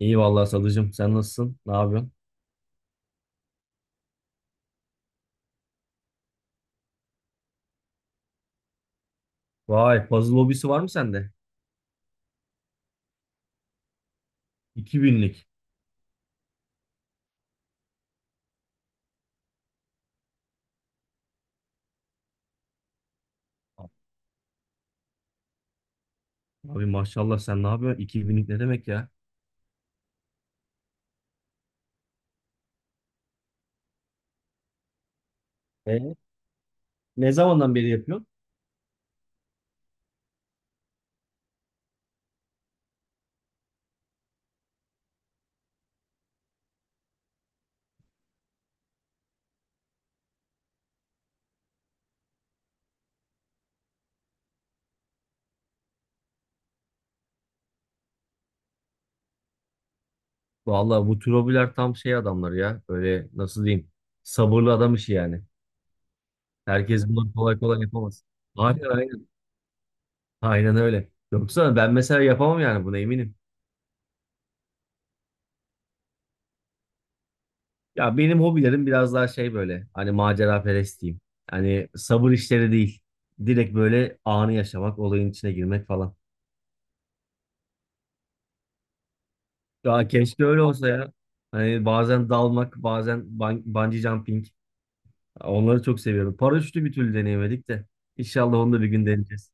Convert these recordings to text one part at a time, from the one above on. İyi vallahi Sadıcığım. Sen nasılsın? Ne yapıyorsun? Vay puzzle hobisi var mı sende? 2000'lik. Abi maşallah sen ne yapıyorsun? 2000'lik ne demek ya? E, Ne zamandan beri yapıyorsun? Vallahi bu tür hobiler tam şey adamları ya. Böyle nasıl diyeyim? Sabırlı adam işi yani. Herkes bunu kolay kolay yapamaz. Aynen aynen. Aynen öyle. Yoksa ben mesela yapamam yani buna eminim. Ya benim hobilerim biraz daha şey böyle. Hani macera perest diyeyim. Hani sabır işleri değil. Direkt böyle anı yaşamak, olayın içine girmek falan. Ya keşke öyle olsa ya. Hani bazen dalmak, bazen bungee jumping. Onları çok seviyorum. Paraşütü bir türlü deneyemedik de. İnşallah onu da bir gün deneyeceğiz.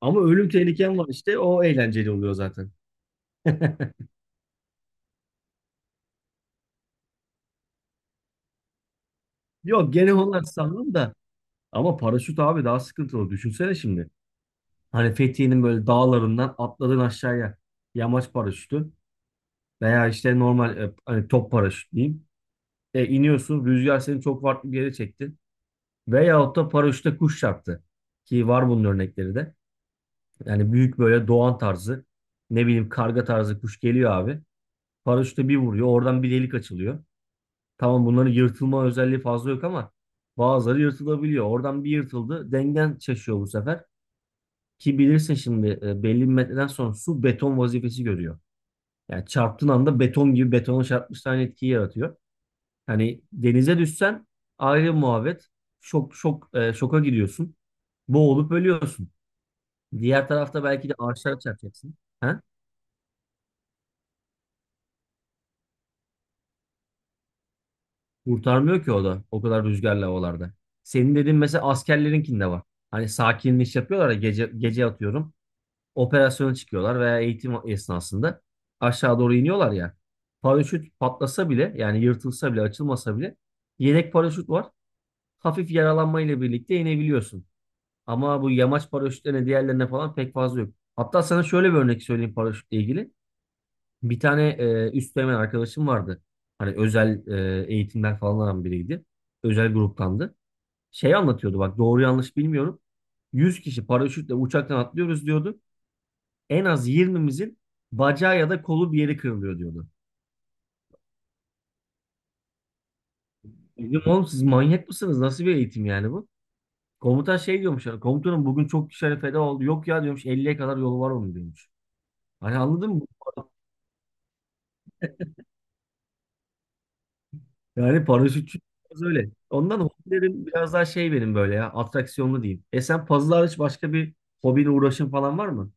Ama ölüm tehlikem var işte. O eğlenceli oluyor zaten. Yok gene onlar sanırım da. Ama paraşüt abi daha sıkıntılı. Düşünsene şimdi. Hani Fethiye'nin böyle dağlarından atladın aşağıya. Yamaç paraşütü. Veya işte normal hani top paraşüt diyeyim. İniyorsun. Rüzgar seni çok farklı bir yere çekti. Veyahut da paraşütle kuş çarptı. Ki var bunun örnekleri de. Yani büyük böyle doğan tarzı, ne bileyim karga tarzı kuş geliyor abi. Paraşütle bir vuruyor, oradan bir delik açılıyor. Tamam, bunların yırtılma özelliği fazla yok ama bazıları yırtılabiliyor. Oradan bir yırtıldı, dengen şaşıyor bu sefer. Ki bilirsin şimdi belli bir metreden sonra su beton vazifesi görüyor. Yani çarptığın anda beton gibi, betona çarpmış aynı etkiyi yaratıyor. Hani denize düşsen ayrı muhabbet. Şok şok, şoka gidiyorsun. Boğulup ölüyorsun. Diğer tarafta belki de ağaçlara çarpacaksın. Ha? Kurtarmıyor ki o da o kadar rüzgarlı havalarda. Senin dediğin mesela askerlerinkinde var. Hani sakinleş yapıyorlar ya gece, gece atıyorum. Operasyona çıkıyorlar veya eğitim esnasında aşağı doğru iniyorlar ya. Paraşüt patlasa bile, yani yırtılsa bile, açılmasa bile yedek paraşüt var. Hafif yaralanmayla birlikte inebiliyorsun. Ama bu yamaç paraşütlerine, diğerlerine falan pek fazla yok. Hatta sana şöyle bir örnek söyleyeyim paraşütle ilgili. Bir tane üst dönem arkadaşım vardı. Hani özel eğitimler falan alan biriydi. Özel gruptandı. Şey anlatıyordu bak, doğru yanlış bilmiyorum. 100 kişi paraşütle uçaktan atlıyoruz diyordu. En az 20'mizin bacağı ya da kolu, bir yeri kırılıyor diyordu. Dedim oğlum, siz manyak mısınız? Nasıl bir eğitim yani bu? Komutan şey diyormuş. Komutanım bugün çok kişi feda oldu. Yok ya diyormuş, 50'ye kadar yolu var onun diyormuş. Hani anladın mı? Yani paraşütçü biraz öyle. Ondan hobilerim biraz daha şey benim, böyle ya, atraksiyonlu diyeyim. Sen puzzle hariç başka bir hobine uğraşın falan var mı?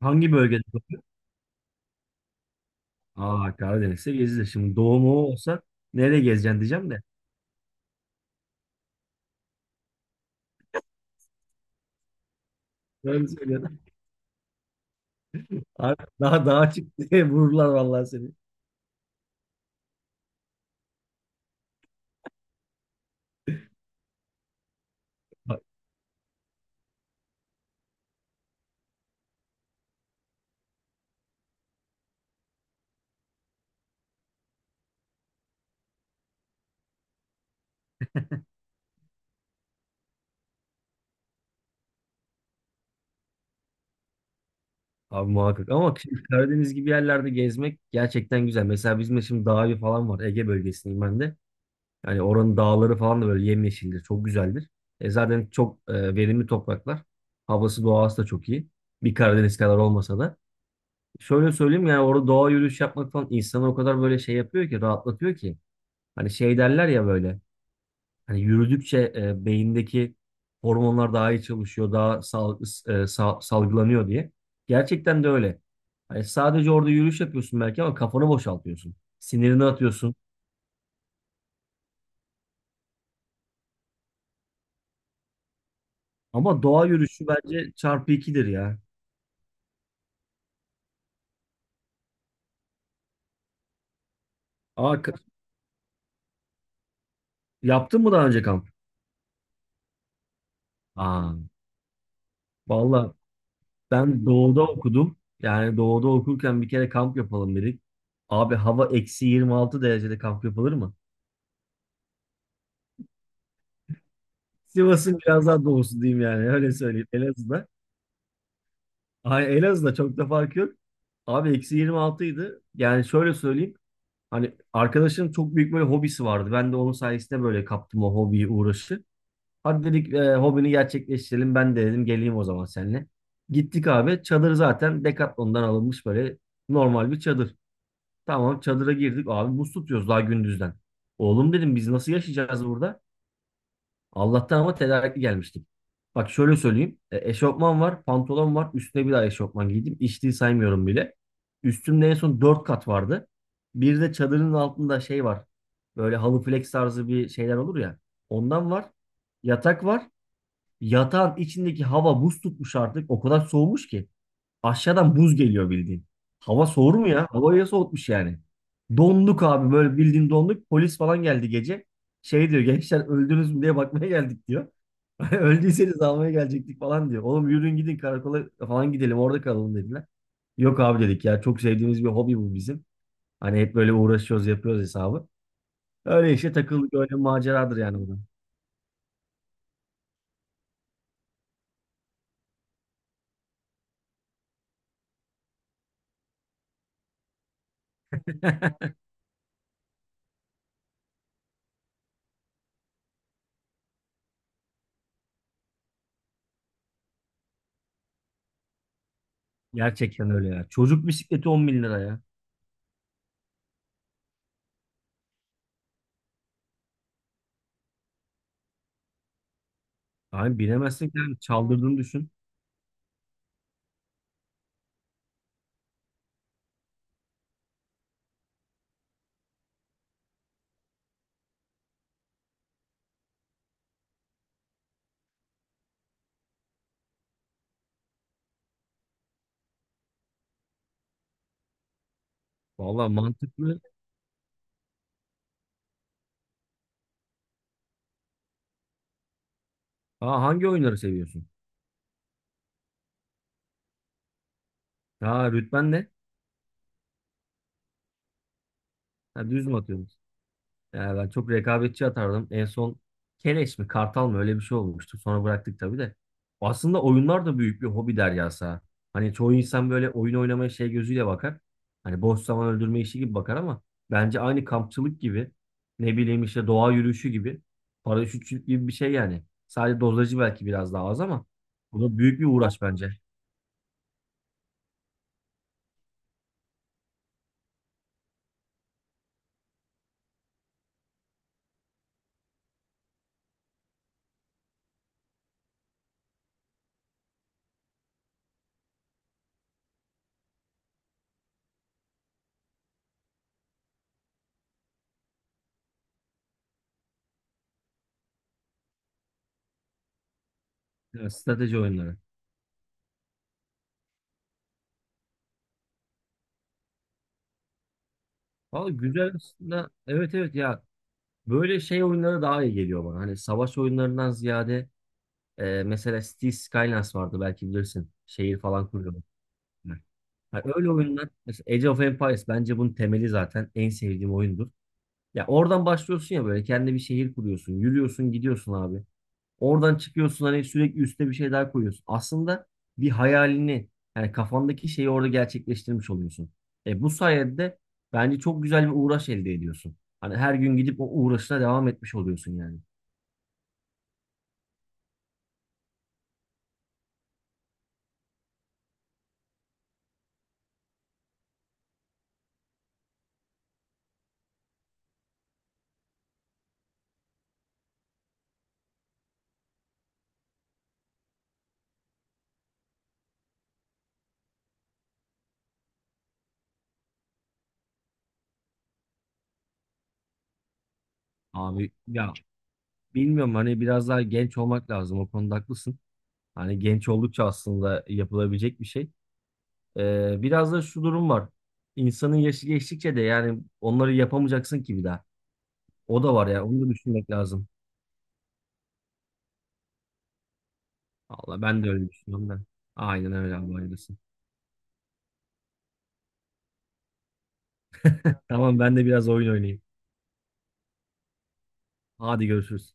Hangi bölgede? Aa, Karadeniz'de gezilir. Şimdi doğu mu olsa nereye gezeceksin diyeceğim de. Öyle söylüyorum. Abi daha daha çık diye vururlar vallahi seni. Bak, abi muhakkak ama şimdi Karadeniz gibi yerlerde gezmek gerçekten güzel. Mesela bizim de şimdi Dağ Evi falan var. Ege bölgesindeyim ben de. Yani oranın dağları falan da böyle yemyeşildir. Çok güzeldir. Zaten çok verimli topraklar. Havası, doğası da çok iyi. Bir Karadeniz kadar olmasa da. Şöyle söyleyeyim, yani orada doğa yürüyüş yapmak falan insanı o kadar böyle şey yapıyor ki, rahatlatıyor ki. Hani şey derler ya böyle. Hani yürüdükçe beyindeki hormonlar daha iyi çalışıyor, daha salgılanıyor diye. Gerçekten de öyle. Hani sadece orada yürüyüş yapıyorsun belki ama kafanı boşaltıyorsun. Sinirini atıyorsun. Ama doğa yürüyüşü bence çarpı ikidir ya. Aa, yaptın mı daha önce kamp? Aa, valla ben doğuda okudum. Yani doğuda okurken bir kere kamp yapalım dedik. Abi hava eksi 26 derecede kamp yapılır mı? Sivas'ın biraz daha doğusu diyeyim, yani öyle söyleyeyim, Elazığ'da. Ay, Elazığ'da çok da fark yok. Abi eksi 26 idi. Yani şöyle söyleyeyim. Hani arkadaşım çok büyük böyle hobisi vardı. Ben de onun sayesinde böyle kaptım o hobiyi, uğraşı. Hadi dedik hobini gerçekleştirelim. Ben de dedim geleyim o zaman seninle. Gittik abi. Çadır zaten Decathlon'dan alınmış, böyle normal bir çadır. Tamam, çadıra girdik abi, buz tutuyoruz daha gündüzden. Oğlum dedim, biz nasıl yaşayacağız burada? Allah'tan ama tedarikli gelmiştik. Bak şöyle söyleyeyim. Eşofman var, pantolon var. Üstüne bir daha eşofman giydim. İçtiği saymıyorum bile. Üstümde en son 4 kat vardı. Bir de çadırın altında şey var. Böyle halı, flex tarzı bir şeyler olur ya. Ondan var. Yatak var. Yatağın içindeki hava buz tutmuş artık. O kadar soğumuş ki. Aşağıdan buz geliyor bildiğin. Hava soğur mu ya? Havayı soğutmuş yani. Donduk abi, böyle bildiğin donduk. Polis falan geldi gece. Şey diyor, gençler öldünüz mü diye bakmaya geldik diyor. Öldüyseniz almaya gelecektik falan diyor. Oğlum yürüyün gidin karakola falan, gidelim orada kalalım dediler. Yok abi dedik ya, çok sevdiğimiz bir hobi bu bizim. Hani hep böyle uğraşıyoruz, yapıyoruz hesabı. Öyle işte takıldık, öyle maceradır yani bu da. Gerçekten öyle ya. Çocuk bisikleti 10 bin lira ya. Abi bilemezsin ki abi. Çaldırdığını düşün. Valla mantıklı. Aa, hangi oyunları seviyorsun? Ha, rütben ne? Ha, düz mü atıyorsunuz? Ya ben çok rekabetçi atardım. En son Keleş mi Kartal mı öyle bir şey olmuştu. Sonra bıraktık tabii de. Aslında oyunlar da büyük bir hobi deryası ha. Hani çoğu insan böyle oyun oynamaya şey gözüyle bakar. Hani boş zaman öldürme işi gibi bakar ama bence aynı kampçılık gibi, ne bileyim işte doğa yürüyüşü gibi, paraşütçülük gibi bir şey yani. Sadece dozajı belki biraz daha az ama bu da büyük bir uğraş bence. Ya, strateji oyunları. Valla güzel aslında. Evet evet ya, böyle şey oyunları daha iyi geliyor bana. Hani savaş oyunlarından ziyade mesela Cities Skylines vardı, belki bilirsin. Şehir falan kuruyorlar. Ha, öyle oyunlar mesela Age of Empires bence bunun temeli, zaten en sevdiğim oyundur. Ya oradan başlıyorsun ya, böyle kendi bir şehir kuruyorsun. Yürüyorsun gidiyorsun abi. Oradan çıkıyorsun, hani sürekli üstüne bir şey daha koyuyorsun. Aslında bir hayalini, yani kafandaki şeyi orada gerçekleştirmiş oluyorsun. E bu sayede de bence çok güzel bir uğraş elde ediyorsun. Hani her gün gidip o uğraşına devam etmiş oluyorsun yani. Abi ya, bilmiyorum, hani biraz daha genç olmak lazım, o konuda haklısın. Hani genç oldukça aslında yapılabilecek bir şey. Biraz da şu durum var. İnsanın yaşı geçtikçe de yani onları yapamayacaksın ki bir daha. O da var ya, onu da düşünmek lazım. Valla ben de öyle düşünüyorum da. Aynen öyle abi, hayırlısı. Tamam, ben de biraz oyun oynayayım. Hadi görüşürüz.